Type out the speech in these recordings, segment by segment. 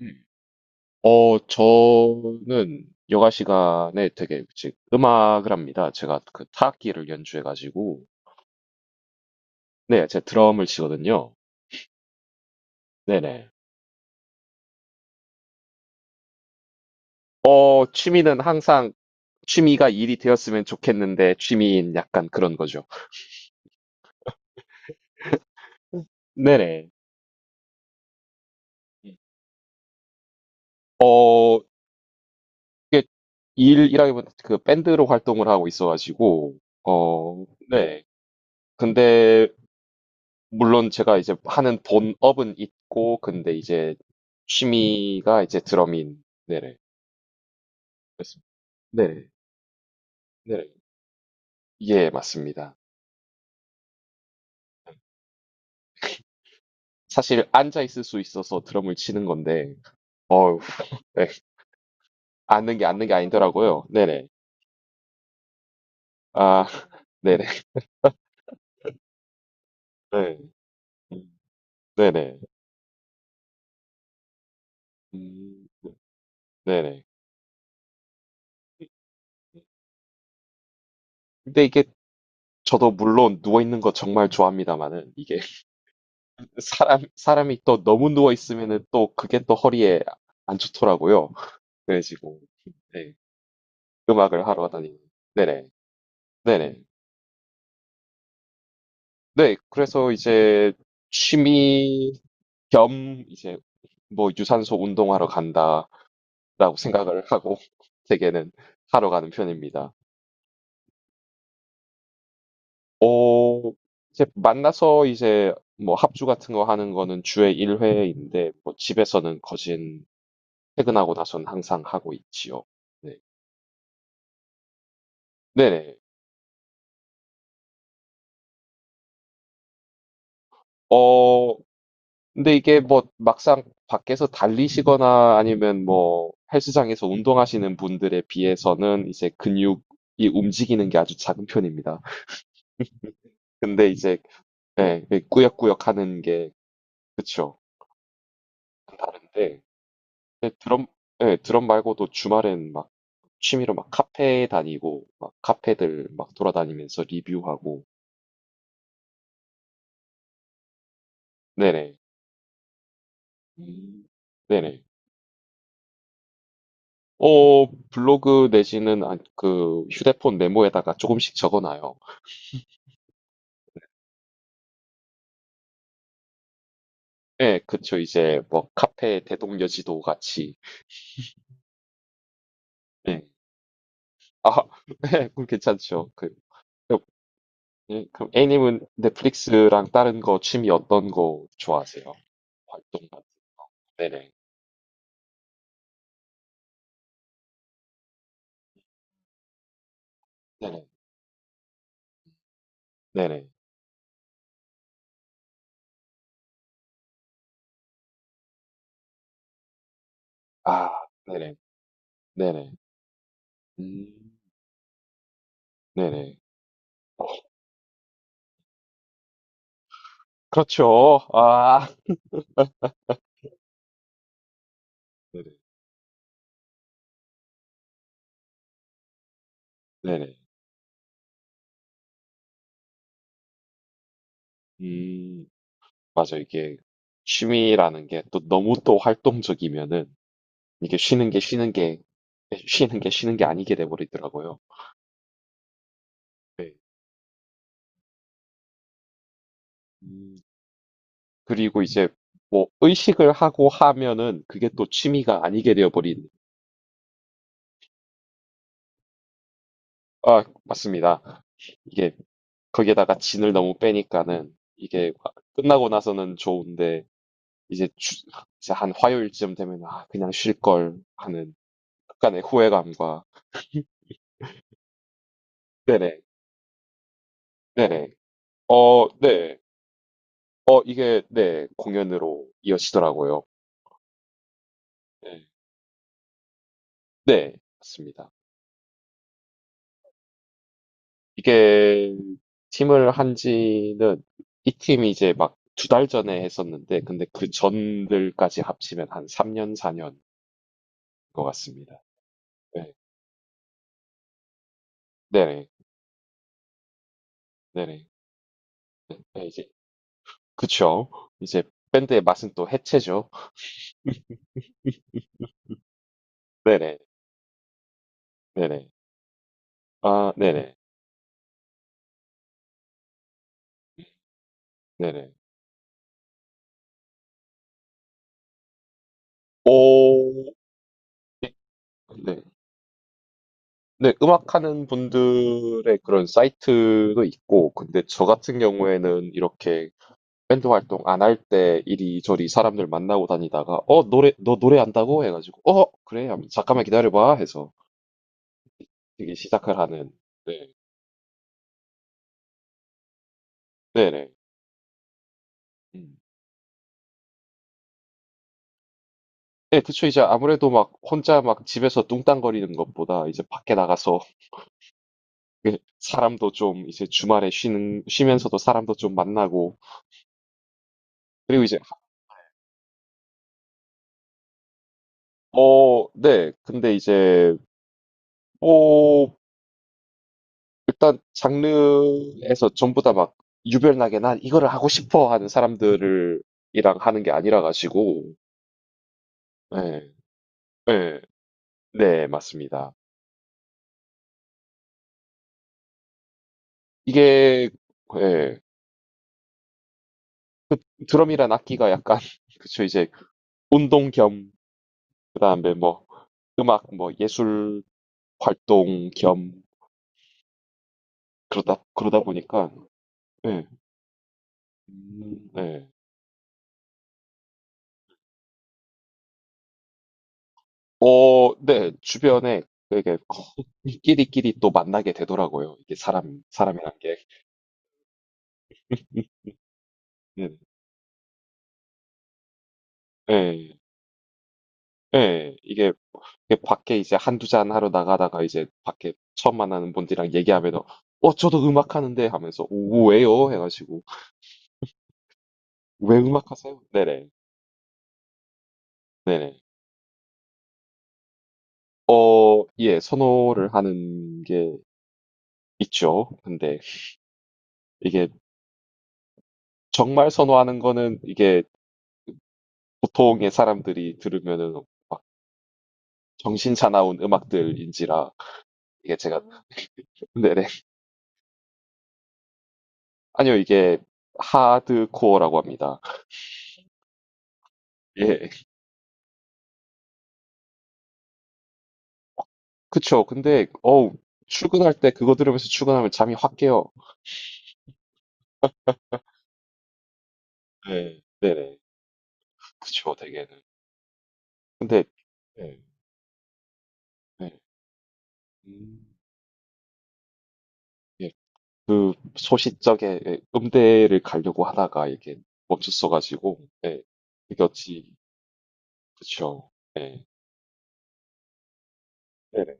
음. 저는 여가 시간에 되게 즉 음악을 합니다. 제가 그 타악기를 연주해가지고 네, 제가 드럼을 치거든요. 네네. 취미는 항상 취미가 일이 되었으면 좋겠는데 취미인 약간 그런 거죠. 네네. 예. 어, 이게 일이라기보다 그 밴드로 활동을 하고 있어가지고 네. 근데 물론 제가 이제 하는 본업은 있고, 근데 이제 취미가 이제 드러민, 네네. 그 네네. 네네. 예, 맞습니다. 사실 앉아 있을 수 있어서 드럼을 치는 건데, 어우, 네, 앉는 게 앉는 게 아니더라고요. 네네. 아, 네네. 네. 음, 네네. 음, 네네. 근데 이게 저도 물론 누워 있는 거 정말 좋아합니다만은 이게 사람이 또 너무 누워 있으면은 또 그게 또 허리에 안 좋더라고요. 그래지고 네, 음악을 하러 다니는 네네 네네 네 그래서 이제 취미 겸 이제 뭐 유산소 운동하러 간다라고 생각을 하고 대개는 하러 가는 편입니다. 어 이제 만나서 이제 뭐 합주 같은 거 하는 거는 주에 1회인데 뭐 집에서는 거진 퇴근하고 나선 항상 하고 있지요. 네. 네네. 어 근데 이게 뭐 막상 밖에서 달리시거나 아니면 뭐 헬스장에서 운동하시는 분들에 비해서는 이제 근육이 움직이는 게 아주 작은 편입니다. 근데 이제 예, 예, 꾸역꾸역 하는 게 그쵸. 다른데 근데 드럼 예, 드럼 말고도 주말엔 막 취미로 막 카페 다니고 막 카페들 막 돌아다니면서 리뷰하고 네네. 음. 네네. 블로그 내지는 그 휴대폰 메모에다가 조금씩 적어놔요. 예, 그쵸. 이제 뭐 카페 대동여지도 같이. 예. 아, 예, 그럼 괜찮죠. 그, 예, 그럼 A님은 넷플릭스랑 다른 거 취미 어떤 거 좋아하세요? 활동 같은. 네네. 네네. 네네. 아, 네네. 네네. 음, 네네. 그렇죠. 아, 네네. 네네. 음, 맞아. 이게 취미라는 게 또 너무 또 활동적이면은 이게 쉬는 게 쉬는 게 아니게 돼버리더라고요. 네. 음, 그리고 이제 뭐 의식을 하고 하면은 그게 또 취미가 아니게 되어버린. 아, 맞습니다. 이게 거기에다가 진을 너무 빼니까는 이게 끝나고 나서는 좋은데 이제, 이제 한 화요일쯤 되면 아, 그냥 쉴 걸 하는 약간의 후회감과 네네, 네네. 네. 이게, 네, 공연으로 이어지더라고요. 네, 네, 맞습니다. 이게 팀을 한 지는 이 팀이 이제 막 두 달 전에 했었는데 근데 그 전들까지 합치면 한 3년, 4년 것 같습니다. 네, 네네, 네네. 네, 이제 그쵸. 이제 밴드의 맛은 또 해체죠. 네네, 네네. 아, 네네, 네네. 오, 네. 네, 음악하는 분들의 그런 사이트도 있고, 근데 저 같은 경우에는 이렇게 밴드 활동 안 할 때 이리저리 사람들 만나고 다니다가 노래 너 노래한다고 해가지고 그래 하면 잠깐만 기다려봐 해서 되게 시작을 하는 네 네네 음. 네 그쵸 이제 아무래도 막 혼자 막 집에서 뚱땅거리는 것보다 이제 밖에 나가서 사람도 좀 이제 주말에 쉬는 쉬면서도 사람도 좀 만나고 그리고 이제 네 근데 이제 뭐 일단 장르에서 전부 다 막 유별나게 난 이거를 하고 싶어 하는 사람들을 이랑 하는 게 아니라 가지고 예, 예, 네, 맞습니다. 이게 예, 드럼이란 악기가 약간 그쵸 이제 운동 겸 그다음에 뭐 음악 뭐 예술 활동 겸 그러다 보니까 예, 예. 네, 주변에 되게 끼리끼리 또 만나게 되더라고요. 이게 사람이란 게. 예, 예, 이게 밖에 이제 한두 잔 하러 나가다가 이제 밖에 처음 만나는 분들이랑 얘기하면, 저도 음악 하는데 하면서, 오, 왜요? 해가지고, 왜 음악 하세요? 네네, 네네. 예, 선호를 하는 게 있죠. 근데 이게 정말 선호하는 거는 이게 보통의 사람들이 들으면은 막 정신 사나운 음악들인지라, 이게 제가, 네네. 아니요, 이게 하드코어라고 합니다. 예. 그쵸. 근데, 어우, 출근할 때 그거 들으면서 출근하면 잠이 확 깨요. 네, 네네. 그쵸, 대개는. 근데, 네, 네. 음, 예, 그 소싯적에 예, 음대를 가려고 하다가 이게 멈췄어가지고, 예, 그게 어찌, 그쵸. 예, 네네.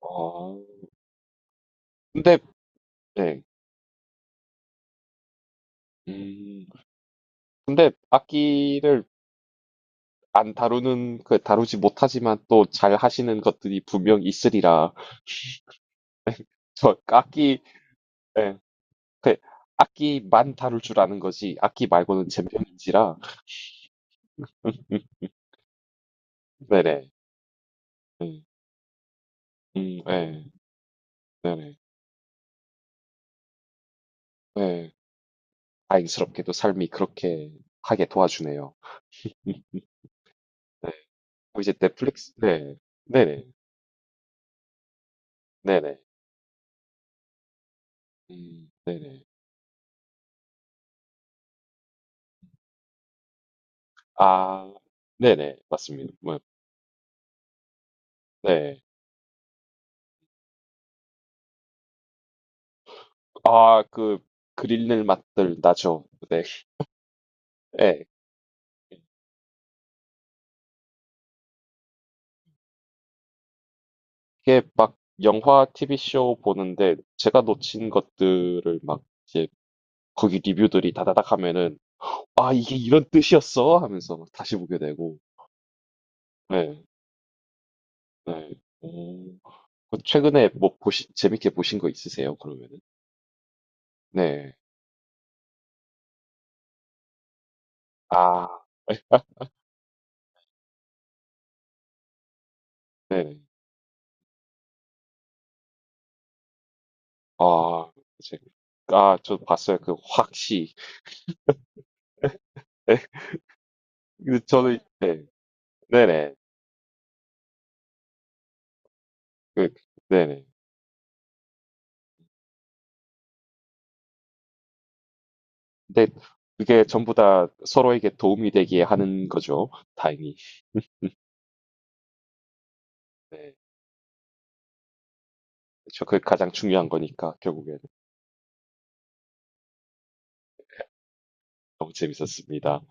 아, 근데, 네. 음, 근데 악기를 안 다루는, 그 다루지 못하지만 또 잘 하시는 것들이 분명 있으리라. 저 악기, 예, 그 악기만 다룰 줄 아는 거지 악기 말고는 젬병인지라 음, 네네 음, 네, 네네 예, 다행스럽게도 삶이 그렇게 하게 도와주네요 음, 네. 이제 넷플릭스 네 네네 네네 네네 아 네네 맞습니다 뭐, 네. 아, 그 그릴 맛들 나죠 네 예, 이게 막 영화 TV쇼 보는데 제가 놓친 것들을 막 이제 거기 리뷰들이 다다닥 하면은 '아 이게 이런 뜻이었어?' 하면서 막 다시 보게 되고. 네. 네. 오. 그 최근에 뭐 보신 재밌게 보신 거 있으세요 그러면은? 네. 아. 예. 네네. 아. 제 아 저 봤어요. 그 확시. 네, 근데 저는 네. 네네. 그 네네. 근데 그게 전부 다 서로에게 도움이 되게 하는 거죠 다행히. 네. 그게 가장 중요한 거니까 결국에는. 너무 재밌었습니다.